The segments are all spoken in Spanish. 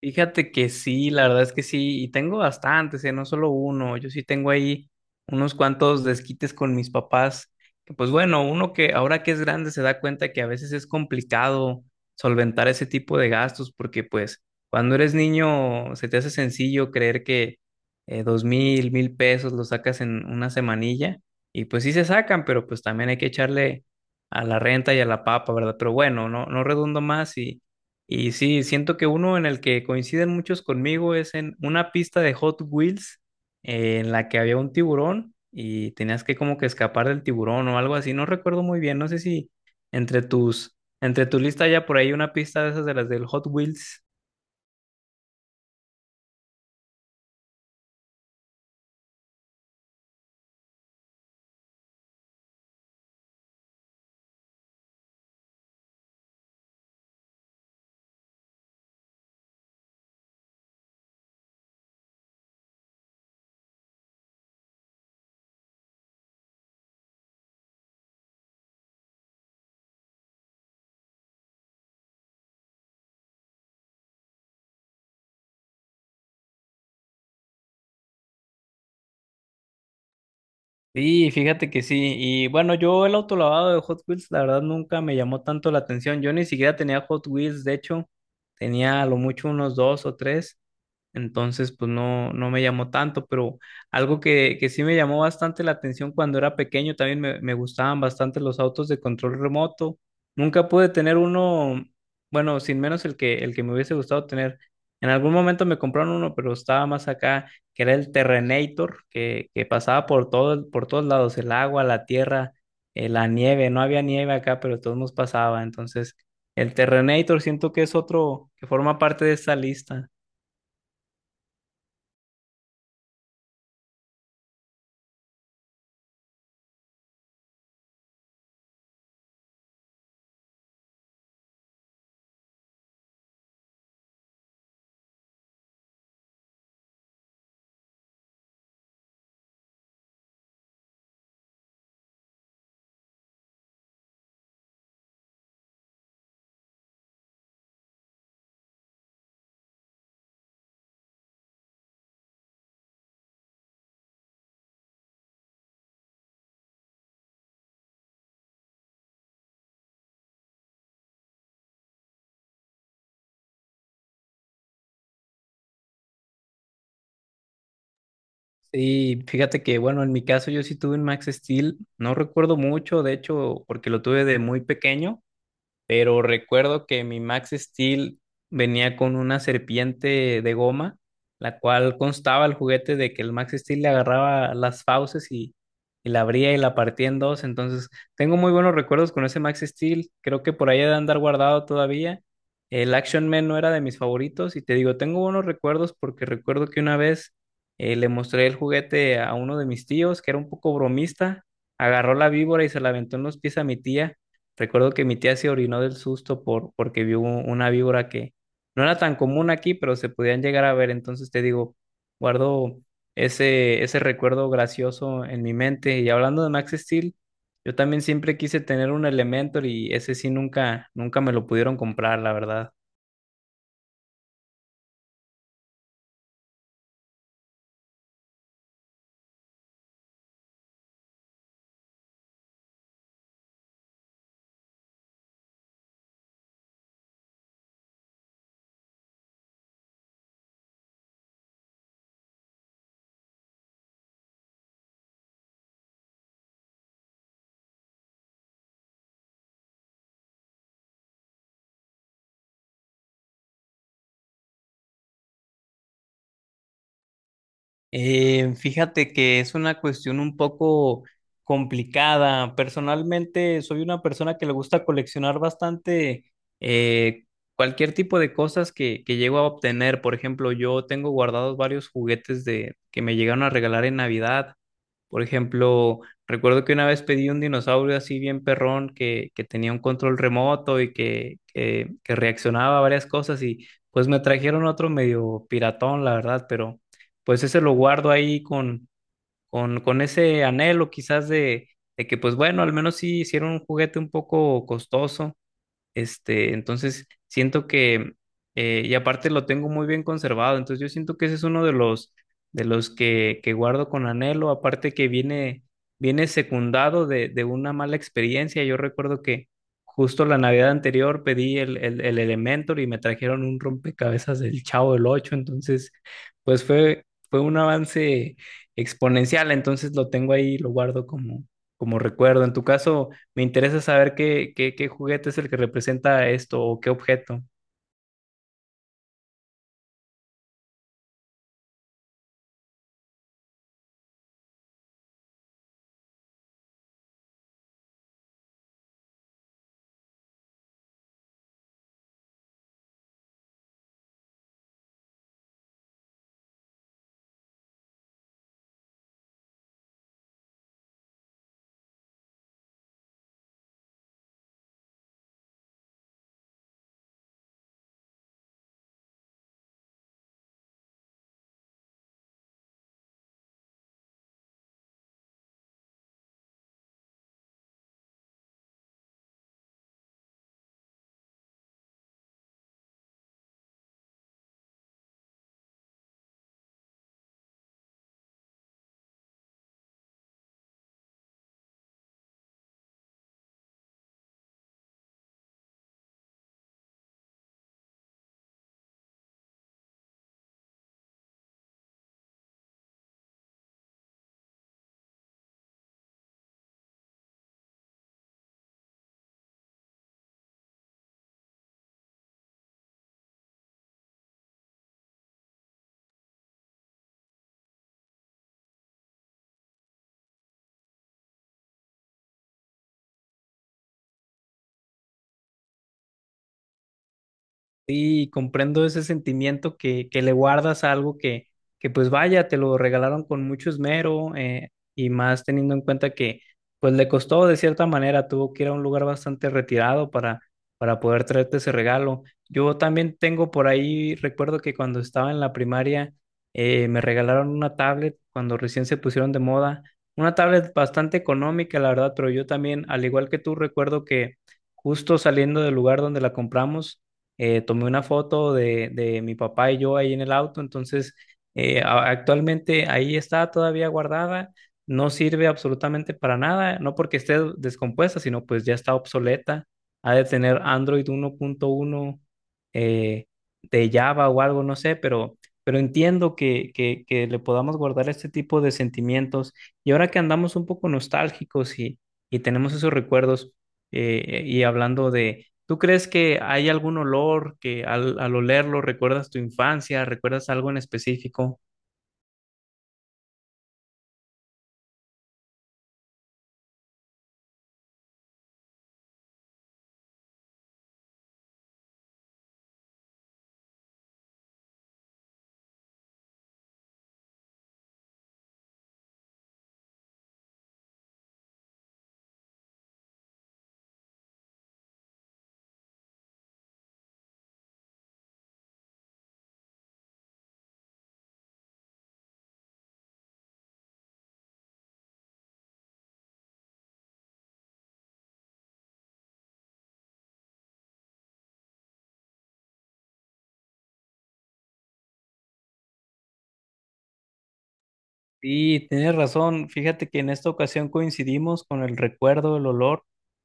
Fíjate que sí, la verdad es que sí, y tengo bastantes, ¿eh? No solo uno, yo sí tengo ahí unos cuantos desquites con mis papás, que pues bueno, uno que ahora que es grande se da cuenta que a veces es complicado solventar ese tipo de gastos, porque pues cuando eres niño se te hace sencillo creer que dos mil, mil pesos los sacas en una semanilla, y pues sí se sacan, pero pues también hay que echarle a la renta y a la papa, ¿verdad? Pero bueno, no redundo más y sí, siento que uno en el que coinciden muchos conmigo es en una pista de Hot Wheels en la que había un tiburón y tenías que como que escapar del tiburón o algo así. No recuerdo muy bien, no sé si entre tu lista ya por ahí una pista de esas de las del Hot Wheels. Sí, fíjate que sí. Y bueno, yo el autolavado de Hot Wheels, la verdad nunca me llamó tanto la atención. Yo ni siquiera tenía Hot Wheels, de hecho, tenía a lo mucho unos dos o tres. Entonces, pues no me llamó tanto, pero algo que sí me llamó bastante la atención cuando era pequeño, también me gustaban bastante los autos de control remoto. Nunca pude tener uno, bueno, sin menos el que me hubiese gustado tener. En algún momento me compraron uno, pero estaba más acá, que era el Terrenator, que pasaba por todo, por todos lados, el agua, la tierra, la nieve. No había nieve acá, pero de todos nos pasaba. Entonces, el Terrenator siento que es otro que forma parte de esta lista. Sí, fíjate que, bueno, en mi caso yo sí tuve un Max Steel, no recuerdo mucho, de hecho, porque lo tuve de muy pequeño pero recuerdo que mi Max Steel venía con una serpiente de goma, la cual constaba el juguete de que el Max Steel le agarraba las fauces y la abría y la partía en dos. Entonces, tengo muy buenos recuerdos con ese Max Steel. Creo que por ahí ha de andar guardado todavía. El Action Man no era de mis favoritos y te digo, tengo buenos recuerdos porque recuerdo que una vez le mostré el juguete a uno de mis tíos que era un poco bromista, agarró la víbora y se la aventó en los pies a mi tía. Recuerdo que mi tía se orinó del susto porque vio una víbora que no era tan común aquí, pero se podían llegar a ver. Entonces te digo, guardo ese recuerdo gracioso en mi mente. Y hablando de Max Steel, yo también siempre quise tener un Elementor y ese sí nunca, nunca me lo pudieron comprar, la verdad. Fíjate que es una cuestión un poco complicada. Personalmente soy una persona que le gusta coleccionar bastante eh, cualquier tipo de cosas que llego a obtener. Por ejemplo, yo tengo guardados varios juguetes que me llegaron a regalar en Navidad. Por ejemplo, recuerdo que una vez pedí un dinosaurio así bien perrón que tenía un control remoto y que reaccionaba a varias cosas y pues me trajeron otro medio piratón, la verdad, pero pues ese lo guardo ahí con ese anhelo quizás de que pues bueno, al menos sí hicieron un juguete un poco costoso este, entonces siento que, y aparte lo tengo muy bien conservado, entonces yo siento que ese es uno de los que guardo con anhelo, aparte que viene, viene secundado de una mala experiencia. Yo recuerdo que justo la Navidad anterior pedí el Elementor y me trajeron un rompecabezas del Chavo del Ocho, entonces pues fue un avance exponencial, entonces lo tengo ahí, lo guardo como, como recuerdo. En tu caso me interesa saber qué juguete es el que representa esto o qué objeto. Sí, comprendo ese sentimiento que le guardas a algo que pues vaya, te lo regalaron con mucho esmero y más teniendo en cuenta que pues le costó de cierta manera, tuvo que ir a un lugar bastante retirado para poder traerte ese regalo. Yo también tengo por ahí, recuerdo que cuando estaba en la primaria me regalaron una tablet cuando recién se pusieron de moda, una tablet bastante económica, la verdad, pero yo también, al igual que tú, recuerdo que justo saliendo del lugar donde la compramos, tomé una foto de mi papá y yo ahí en el auto, entonces actualmente ahí está todavía guardada, no sirve absolutamente para nada, no porque esté descompuesta, sino pues ya está obsoleta, ha de tener Android 1.1 eh, de Java o algo, no sé, pero entiendo que le podamos guardar este tipo de sentimientos y ahora que andamos un poco nostálgicos y tenemos esos recuerdos y hablando de ¿Tú crees que hay algún olor que al olerlo recuerdas tu infancia, recuerdas algo en específico? Sí, tienes razón. Fíjate que en esta ocasión coincidimos con el recuerdo, el olor,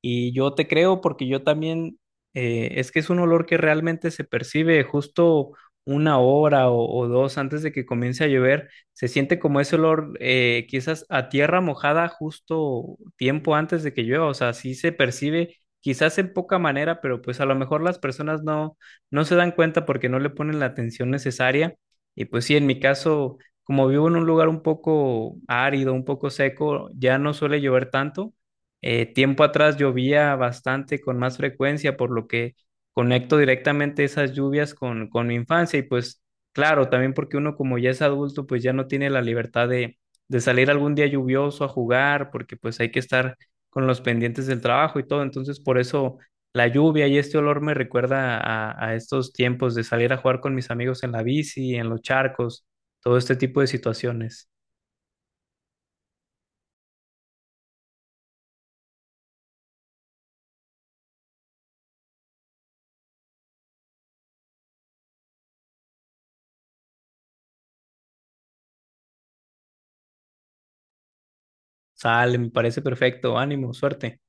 y yo te creo porque yo también, es que es un olor que realmente se percibe justo una hora o dos antes de que comience a llover. Se siente como ese olor, quizás a tierra mojada justo tiempo antes de que llueva. O sea, sí se percibe, quizás en poca manera, pero pues a lo mejor las personas no se dan cuenta porque no le ponen la atención necesaria. Y pues sí, en mi caso como vivo en un lugar un poco árido, un poco seco, ya no suele llover tanto. Tiempo atrás llovía bastante con más frecuencia, por lo que conecto directamente esas lluvias con mi infancia y pues claro, también porque uno como ya es adulto, pues ya no tiene la libertad de salir algún día lluvioso a jugar, porque pues hay que estar con los pendientes del trabajo y todo, entonces por eso la lluvia y este olor me recuerda a estos tiempos de salir a jugar con mis amigos en la bici, en los charcos todo este tipo de situaciones. Sale, me parece perfecto, ánimo, suerte.